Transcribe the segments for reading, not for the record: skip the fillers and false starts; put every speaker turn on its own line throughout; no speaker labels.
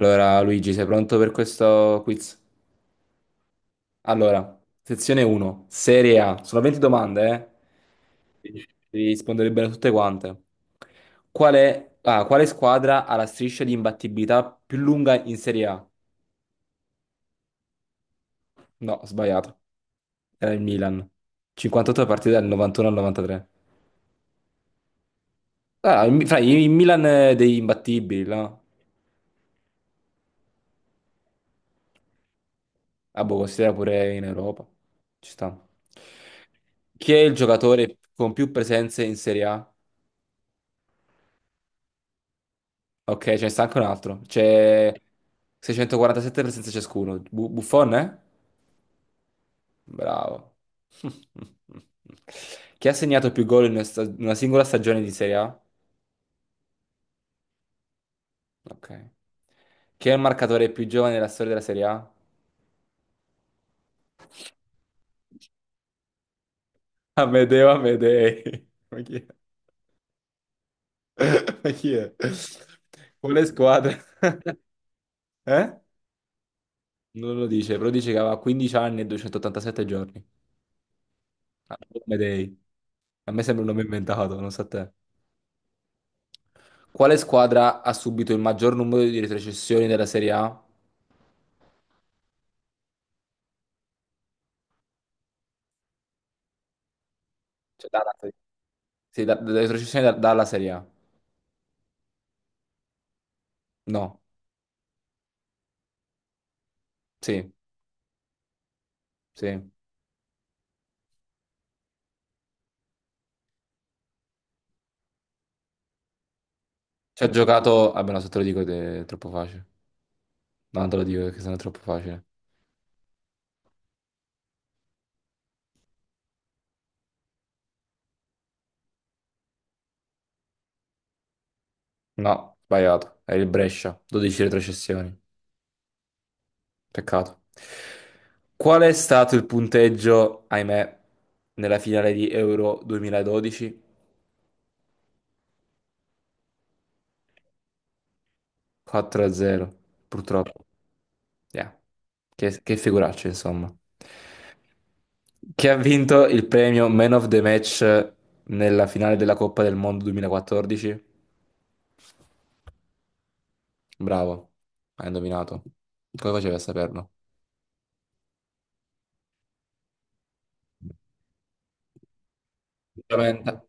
Allora, Luigi, sei pronto per questo quiz? Allora, sezione 1, Serie A. Sono 20 domande, eh? Devi devi rispondere bene a tutte quante. Quale squadra ha la striscia di imbattibilità più lunga in Serie A? No, ho sbagliato. Era il Milan. 58 partite dal 91 al 93. Ah, il, Mi- fra, il Milan è degli imbattibili, no? Ah, boh, considera pure in Europa. Ci sta. Chi è il giocatore con più presenze in Serie A? Ok, ce ne sta anche un altro. C'è 647 presenze ciascuno. Buffon, eh? Bravo. Chi ha segnato più gol in una singola stagione di Serie A? Ok. Chi è il marcatore più giovane della storia della Serie A? Amedeo Amedei. Ma chi è? Ma chi è? Quale squadra? Eh? Non lo dice, però dice che aveva 15 anni e 287 giorni. Ah, Amedei. A me sembra un nome inventato, non so a te. Quale squadra ha subito il maggior numero di retrocessioni della Serie A? Cioè, dalla Serie A. Sì, retrocessioni dalla Serie A. No, sì, sì. Ci ha giocato... Vabbè, no, se te lo dico è troppo facile. No, non te lo dico perché sennò è troppo facile. No, sbagliato. Era il Brescia. 12 retrocessioni. Peccato. Qual è stato il punteggio, ahimè, nella finale di Euro 2012? 4-0, purtroppo. Yeah. Che figuraccia, insomma. Chi ha vinto il premio Man of the Match nella finale della Coppa del Mondo 2014? Bravo, hai indovinato. Come facevi a saperlo? Veramente.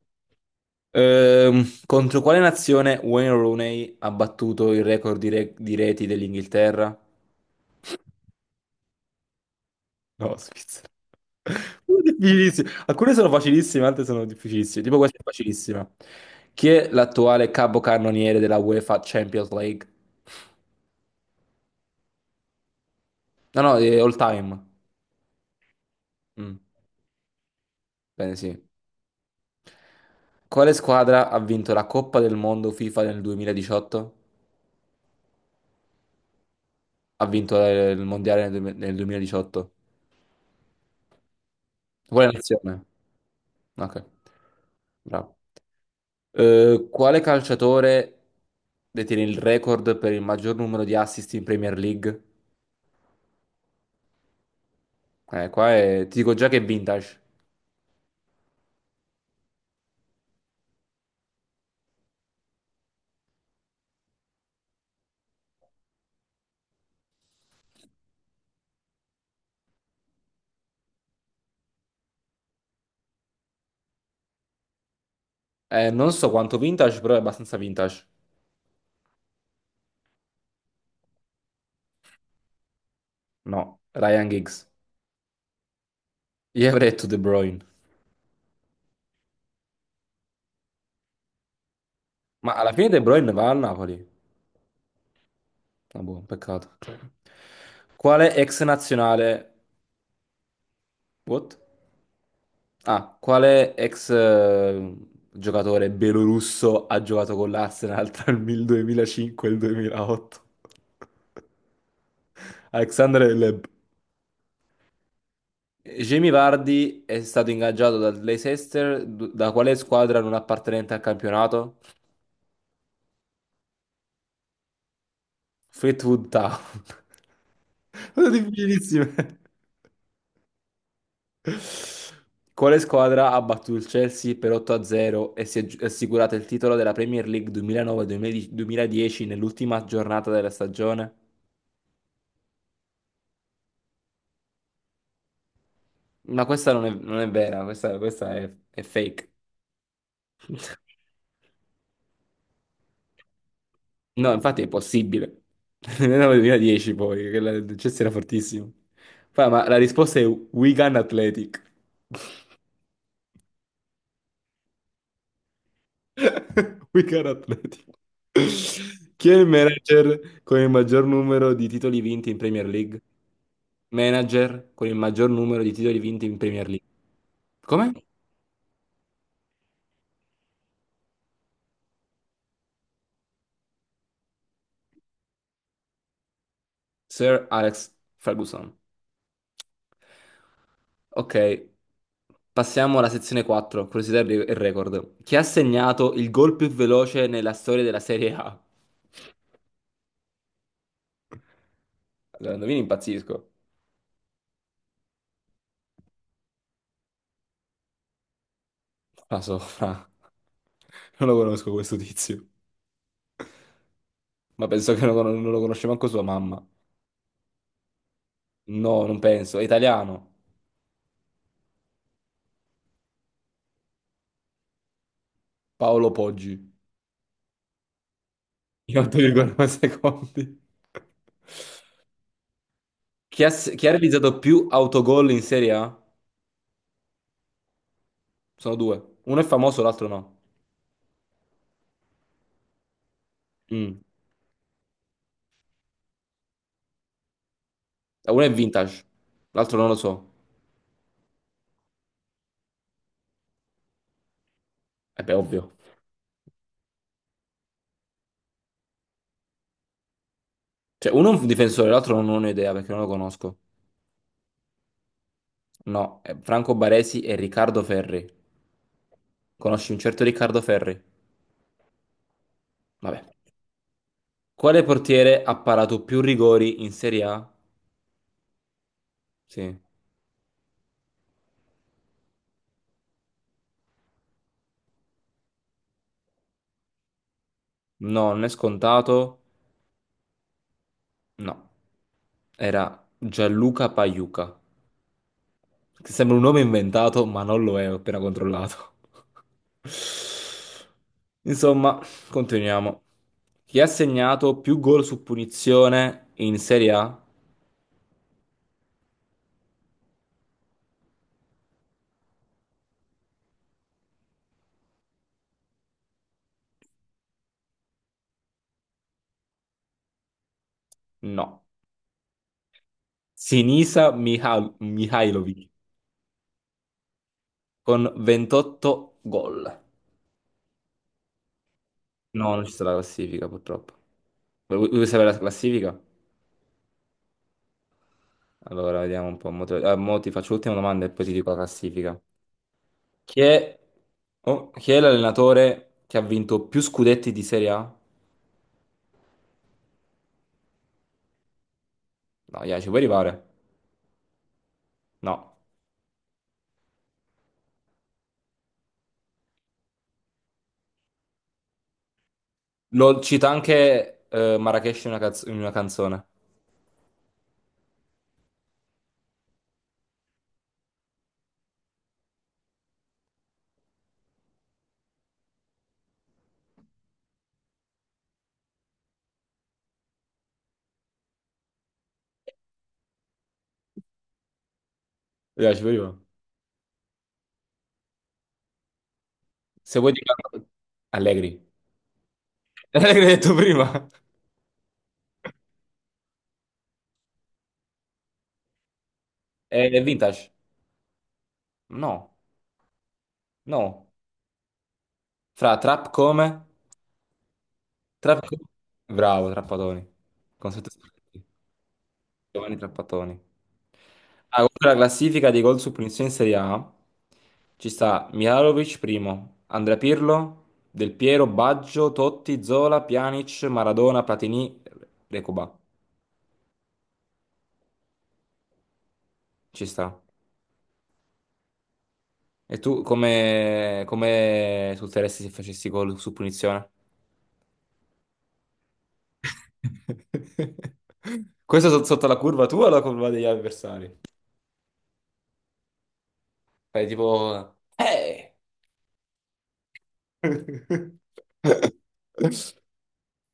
Contro quale nazione Wayne Rooney ha battuto il record di reti dell'Inghilterra? No, Svizzera. Difficilissimo. Alcune sono facilissime, altre sono difficilissime. Tipo questa è facilissima. Chi è l'attuale capocannoniere della UEFA Champions League? No, no, è all time. Mm, bene, sì. Quale squadra ha vinto la Coppa del Mondo FIFA nel 2018? Ha vinto il Mondiale nel 2018. Quale nazione? Ok, bravo. Quale calciatore detiene il record per il maggior numero di assist in Premier League? Qua è... ti dico già che è vintage. Non so quanto vintage, però è abbastanza vintage. No, Ryan Giggs. Io avrei detto De Bruyne. Ma alla fine De Bruyne va al Napoli. Ah, boh, peccato. Quale ex nazionale... What? Ah, quale ex giocatore belorusso ha giocato con l'Arsenal tra il 2005 e il 2008? Alexander Leb. Jamie Vardy è stato ingaggiato dal Leicester, da quale squadra non appartenente al campionato? Fleetwood Town. Sono difficilissime. Quale squadra ha battuto il Chelsea per 8-0 e si è assicurata il titolo della Premier League 2009-2010 nell'ultima giornata della stagione? Ma questa non è vera, questa è fake. No, infatti è impossibile. Nel 2010 poi, il Chelsea era fortissimo. Poi, ma la risposta è Wigan Athletic. Wigan Athletic. Chi è il manager con il maggior numero di titoli vinti in Premier League? Manager con il maggior numero di titoli vinti in Premier League. Come? Sir Alex Ferguson. Ok, passiamo alla sezione 4, curiosità e record. Chi ha segnato il gol più veloce nella storia della Serie A? Allora, indovini, impazzisco. La so, fra. Non lo conosco questo tizio. Ma penso che non, non lo conosce manco sua mamma. No, non penso. È italiano. Paolo Poggi. In 8,9 secondi. Chi ha realizzato più autogol in Serie A? Sono due. Uno è famoso, l'altro no. Mm. Uno è vintage, l'altro non lo so. E beh, ovvio. Cioè, uno è un difensore, l'altro non ho idea perché non lo conosco. No, è Franco Baresi e Riccardo Ferri. Conosci un certo Riccardo Ferri? Vabbè. Quale portiere ha parato più rigori in Serie A? Sì. No, non è scontato. No. Era Gianluca Pagliuca. Che sembra un nome inventato, ma non lo è, ho appena controllato. Insomma, continuiamo. Chi ha segnato più gol su punizione in Serie A? No. Mihailovic con 28 gol. No, non ci sta la classifica purtroppo. Vuoi sapere la classifica? Allora, vediamo un po'. Mo ti faccio l'ultima domanda e poi ti dico la classifica. Chi è, oh, chi è l'allenatore che ha vinto più scudetti di Serie A? No, yeah, ci puoi arrivare? No. Lo cita anche Marrakesh in una canzone. Yeah, ci puoi arrivare. Se vuoi dire... Allegri. Allegri hai detto prima. È vintage? No. No, fra, trap come? Trap co- Bravo, Trappatoni. Concetto sportivo. Giovanni Trappatoni. Ah, contro la classifica dei gol su punizione in Serie A ci sta Mihajlovic primo, Andrea Pirlo, Del Piero, Baggio, Totti, Zola, Pjanic, Maradona, Platini, Recoba. Ci sta. E tu come salteresti se facessi gol su punizione? Questo sotto la curva tua o la curva degli avversari? Fai tipo, eh!